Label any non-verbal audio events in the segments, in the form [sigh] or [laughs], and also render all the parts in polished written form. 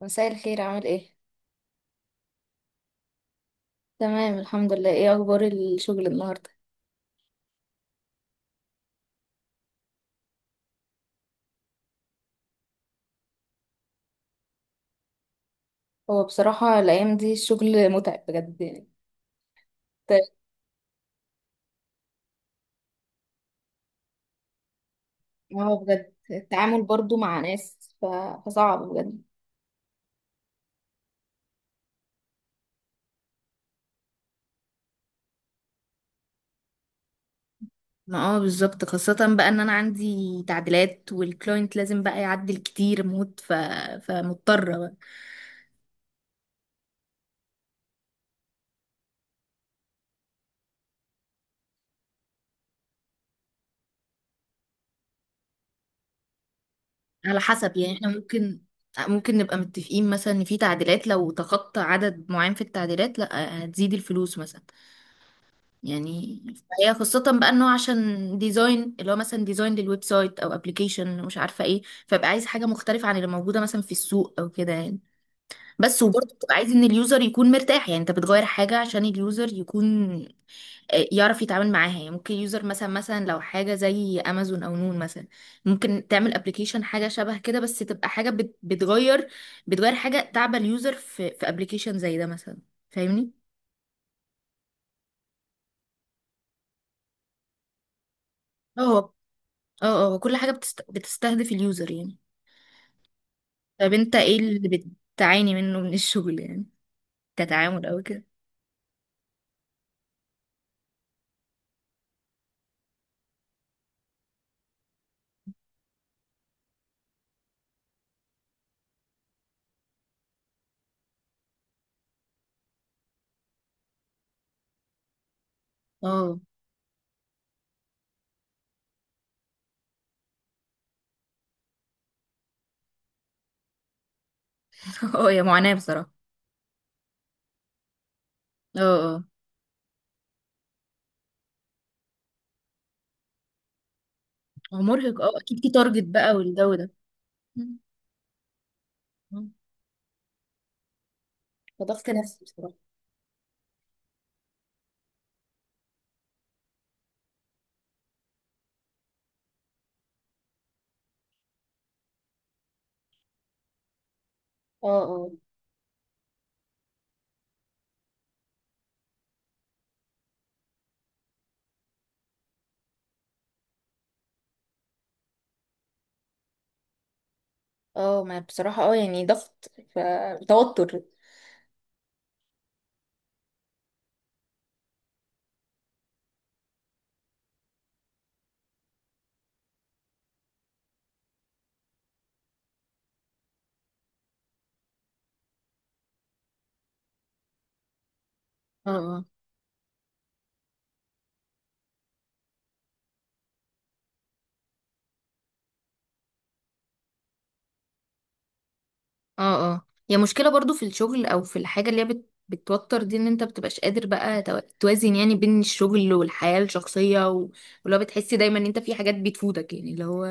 مساء الخير عامل ايه؟ تمام الحمد لله، ايه اخبار الشغل النهارده؟ هو بصراحة الايام دي الشغل متعب بجد يعني. ت- هو بجد التعامل برضو مع ناس فصعب بجد. ما اه بالظبط، خاصة بقى ان انا عندي تعديلات والكلاينت لازم بقى يعدل كتير موت فمضطرة بقى. على حسب يعني احنا ممكن نبقى متفقين مثلا ان في تعديلات، لو تخطى عدد معين في التعديلات لا هتزيد الفلوس مثلا يعني. هي خاصة بقى انه عشان ديزاين اللي هو مثلا ديزاين للويب سايت او ابلكيشن مش عارفة ايه، فبقى عايز حاجة مختلفة عن اللي موجودة مثلا في السوق او كده يعني. بس وبرضه بتبقى عايز ان اليوزر يكون مرتاح، يعني انت بتغير حاجة عشان اليوزر يكون يعرف يتعامل معاها. يعني ممكن اليوزر مثلا، لو حاجة زي امازون او نون مثلا، ممكن تعمل ابلكيشن حاجة شبه كده بس تبقى حاجة بتغير. بتغير حاجة تعبى اليوزر في ابلكيشن زي ده مثلا. فاهمني؟ اه، اه، اه، كل حاجة بتستهدف اليوزر يعني. طب انت ايه اللي بتعاني منه من الشغل يعني، كتعامل او كده؟ اه. [laughs] اه يا معاناة بصراحة. اه، اه، هو مرهق اه اكيد، في تارجت بقى والجو ده. مم. مم. فضغط نفسي بصراحة. اه، اه، اه، ما بصراحة يعني ضغط فتوتر. اه، اه، اه، اه، هي مشكلة برضو في الشغل او في الحاجة اللي هي بتوتر دي، ان انت بتبقاش قادر بقى توازن يعني بين الشغل والحياة الشخصية ولو بتحسي دايما ان انت في حاجات بتفوتك، يعني اللي هو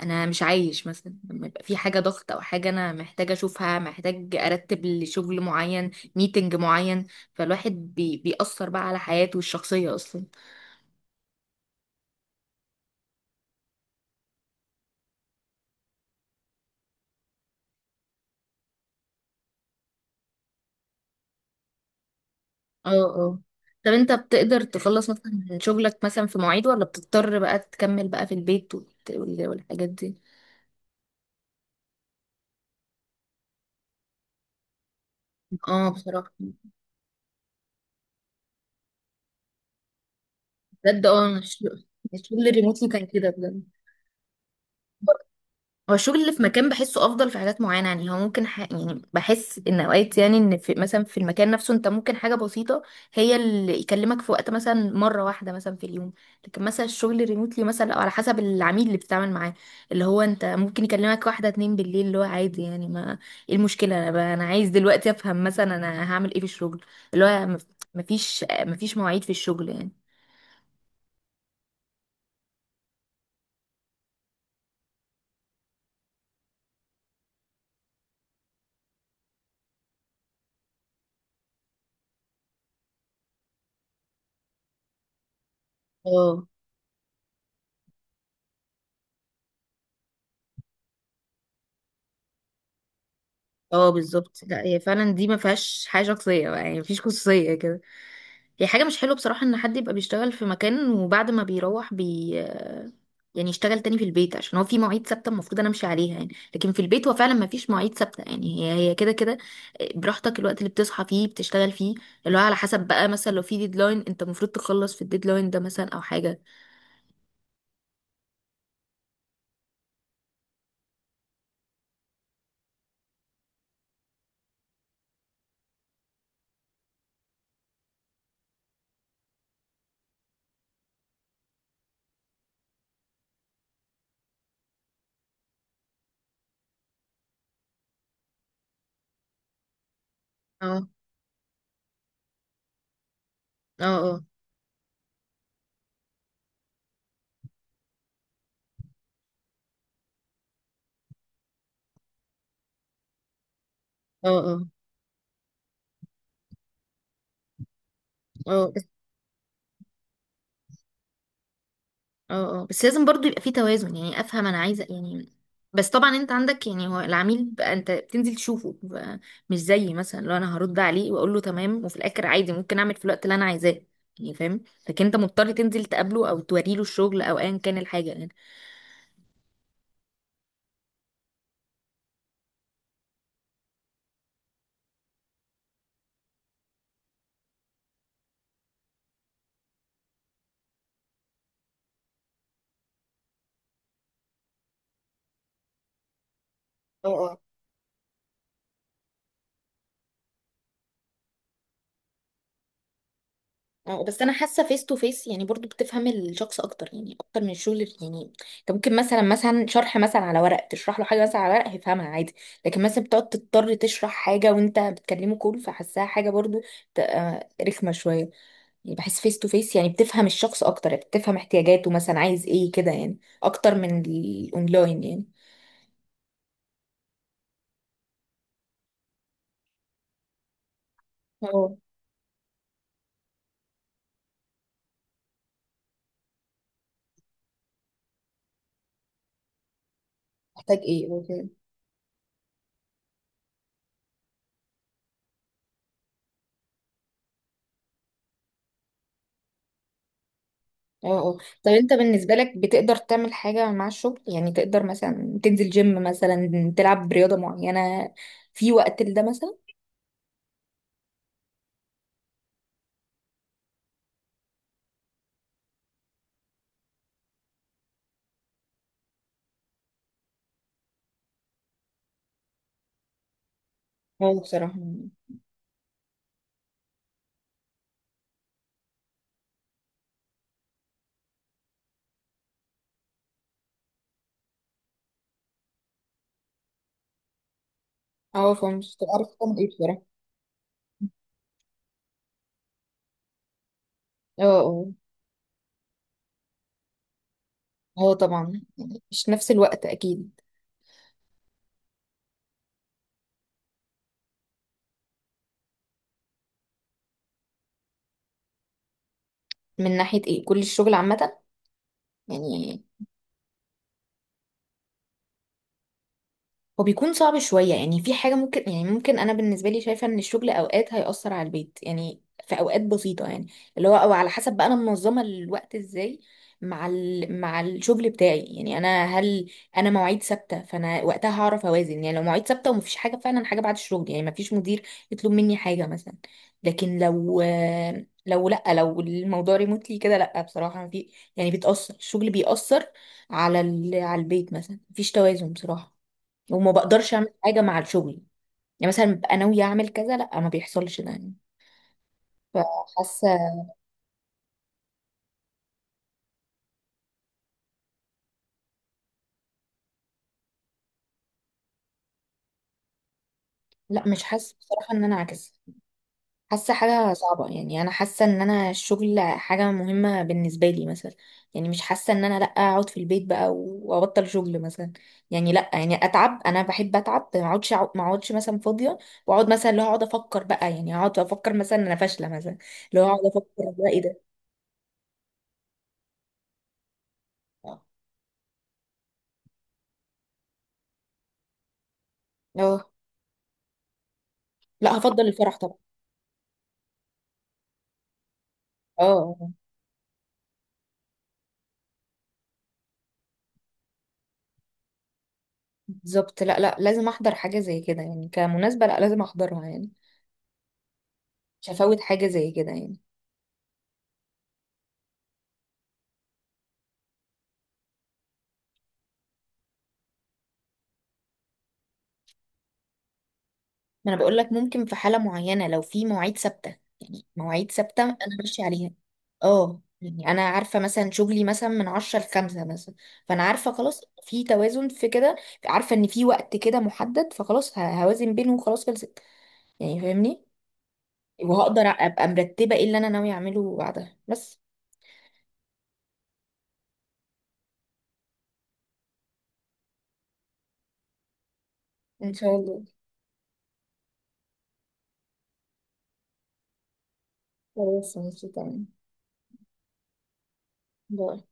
انا مش عايش مثلا لما يبقى في حاجة ضغط او حاجة انا محتاجة اشوفها، محتاج ارتب لشغل معين، ميتنج معين، فالواحد بيأثر بقى على حياته الشخصية اصلا. اه، اه، طب انت بتقدر تخلص مثلا من شغلك مثلا في مواعيد ولا بتضطر بقى تكمل بقى في البيت والحاجات دي؟ اه بصراحة. بجد أنا الشغل، الشغل الريموتلي كان كده بجد. هو الشغل اللي في مكان بحسه افضل في حاجات معينه، يعني هو ممكن يعني بحس ان اوقات، يعني ان في مثلا في المكان نفسه انت ممكن حاجه بسيطه هي اللي يكلمك في وقت مثلا مره واحده مثلا في اليوم. لكن مثلا الشغل الريموتلي مثلا او على حسب العميل اللي بتتعامل معاه، اللي هو انت ممكن يكلمك واحده اتنين بالليل، اللي هو عادي يعني. ما ايه المشكله، انا انا عايز دلوقتي افهم مثلا انا هعمل ايه في الشغل، اللي هو مفيش مواعيد في الشغل يعني. اه، اه، بالظبط، لا هي فعلا دي ما فيهاش حاجه شخصيه بقى، يعني مفيش خصوصيه كده. هي حاجه مش حلوه بصراحه ان حد يبقى بيشتغل في مكان وبعد ما بيروح يعني يشتغل تاني في البيت، عشان هو في مواعيد ثابته المفروض انا امشي عليها يعني. لكن في البيت هو فعلا ما فيش مواعيد ثابته، يعني هي هي كده كده. براحتك الوقت اللي بتصحى فيه بتشتغل فيه، اللي هو على حسب بقى مثلا لو في ديدلاين انت المفروض تخلص في الديدلاين ده مثلا او حاجه. اه، اه، اه، اه، اه، اه، اه، اه، بس لازم برضو يبقى في توازن يعني، افهم انا عايزه يعني. بس طبعا انت عندك يعني هو العميل بقى انت بتنزل تشوفه بقى، مش زيي مثلا. لو انا هرد عليه واقول له تمام، وفي الاخر عادي ممكن اعمل في الوقت اللي انا عايزاه، يعني فاهم. لكن انت مضطر تنزل تقابله او توريله الشغل او ايا كان الحاجه يعني. اه، بس انا حاسه فيس تو فيس يعني برضو بتفهم الشخص اكتر، يعني اكتر من الشغل يعني انت ممكن مثلا، شرح مثلا على ورق، تشرح له حاجه مثلا على ورق هيفهمها عادي. لكن مثلا بتقعد تضطر تشرح حاجه وانت بتكلمه كول، فحاساها حاجه برضو رخمه شويه يعني. بحس فيس تو فيس يعني بتفهم الشخص اكتر، يعني بتفهم احتياجاته مثلا عايز ايه كده، يعني اكتر من الاونلاين يعني. اه محتاج ايه او كده. اه، اه، طب انت بالنسبة لك بتقدر تعمل حاجة مع الشغل يعني، تقدر مثلا تنزل جيم مثلا، تلعب رياضة معينة في وقت لده مثلا؟ اه بصراحة. اه، فمش تبقى عارف تعمل ايه بصراحة. اه، اه، اه، طبعا يعني مش نفس الوقت اكيد. من ناحية ايه، كل الشغل عامة يعني؟ هو بيكون صعب شوية، يعني في حاجة ممكن يعني، ممكن أنا بالنسبة لي شايفة إن الشغل أوقات هيأثر على البيت يعني، في أوقات بسيطة يعني. اللي هو أو على حسب بقى أنا منظمة الوقت إزاي مع مع الشغل بتاعي، يعني أنا مواعيد ثابتة، فأنا وقتها هعرف أوازن يعني. لو مواعيد ثابتة ومفيش حاجة فعلا، حاجة بعد الشغل يعني، مفيش مدير يطلب مني حاجة مثلا. لكن لو لأ، لو الموضوع ريموتلي كده، لأ بصراحة في، يعني بتأثر الشغل بيأثر على على البيت مثلا، مفيش توازن بصراحة. وما بقدرش اعمل حاجه مع الشغل، يعني مثلا ببقى ناويه اعمل كذا، لا ما بيحصلش ده يعني. فحاسه، لا مش حاسه بصراحه ان انا عكس، حاسه حاجه صعبه يعني. انا حاسه ان انا الشغل حاجه مهمه بالنسبه لي مثلا، يعني مش حاسه ان انا لا اقعد في البيت بقى وابطل شغل مثلا. يعني لا، يعني اتعب، انا بحب اتعب، ما اقعدش مثلا فاضيه واقعد، مثلا اللي هو اقعد افكر بقى، يعني اقعد افكر مثلا إن انا فاشله مثلا، اللي هو اقعد افكر بقى ايه ده. اه، لا هفضل الفرح طبعا. اه بالظبط، لا لا لازم احضر حاجه زي كده يعني، كمناسبه لا لازم احضرها يعني، مش هفوت حاجه زي كده يعني. ما انا بقول لك ممكن في حاله معينه، لو في مواعيد ثابته، يعني مواعيد ثابته انا ماشيه عليها. اه، يعني انا عارفه مثلا شغلي مثلا من 10 ل 5 مثلا، فانا عارفه خلاص في توازن في كده، عارفه ان في وقت كده محدد فخلاص هوازن بينه وخلاص خلصت، يعني فاهمني، وهقدر ابقى مرتبه ايه اللي انا ناويه اعمله بعدها بس. ان شاء الله. خلاص، ماشي تمام. باي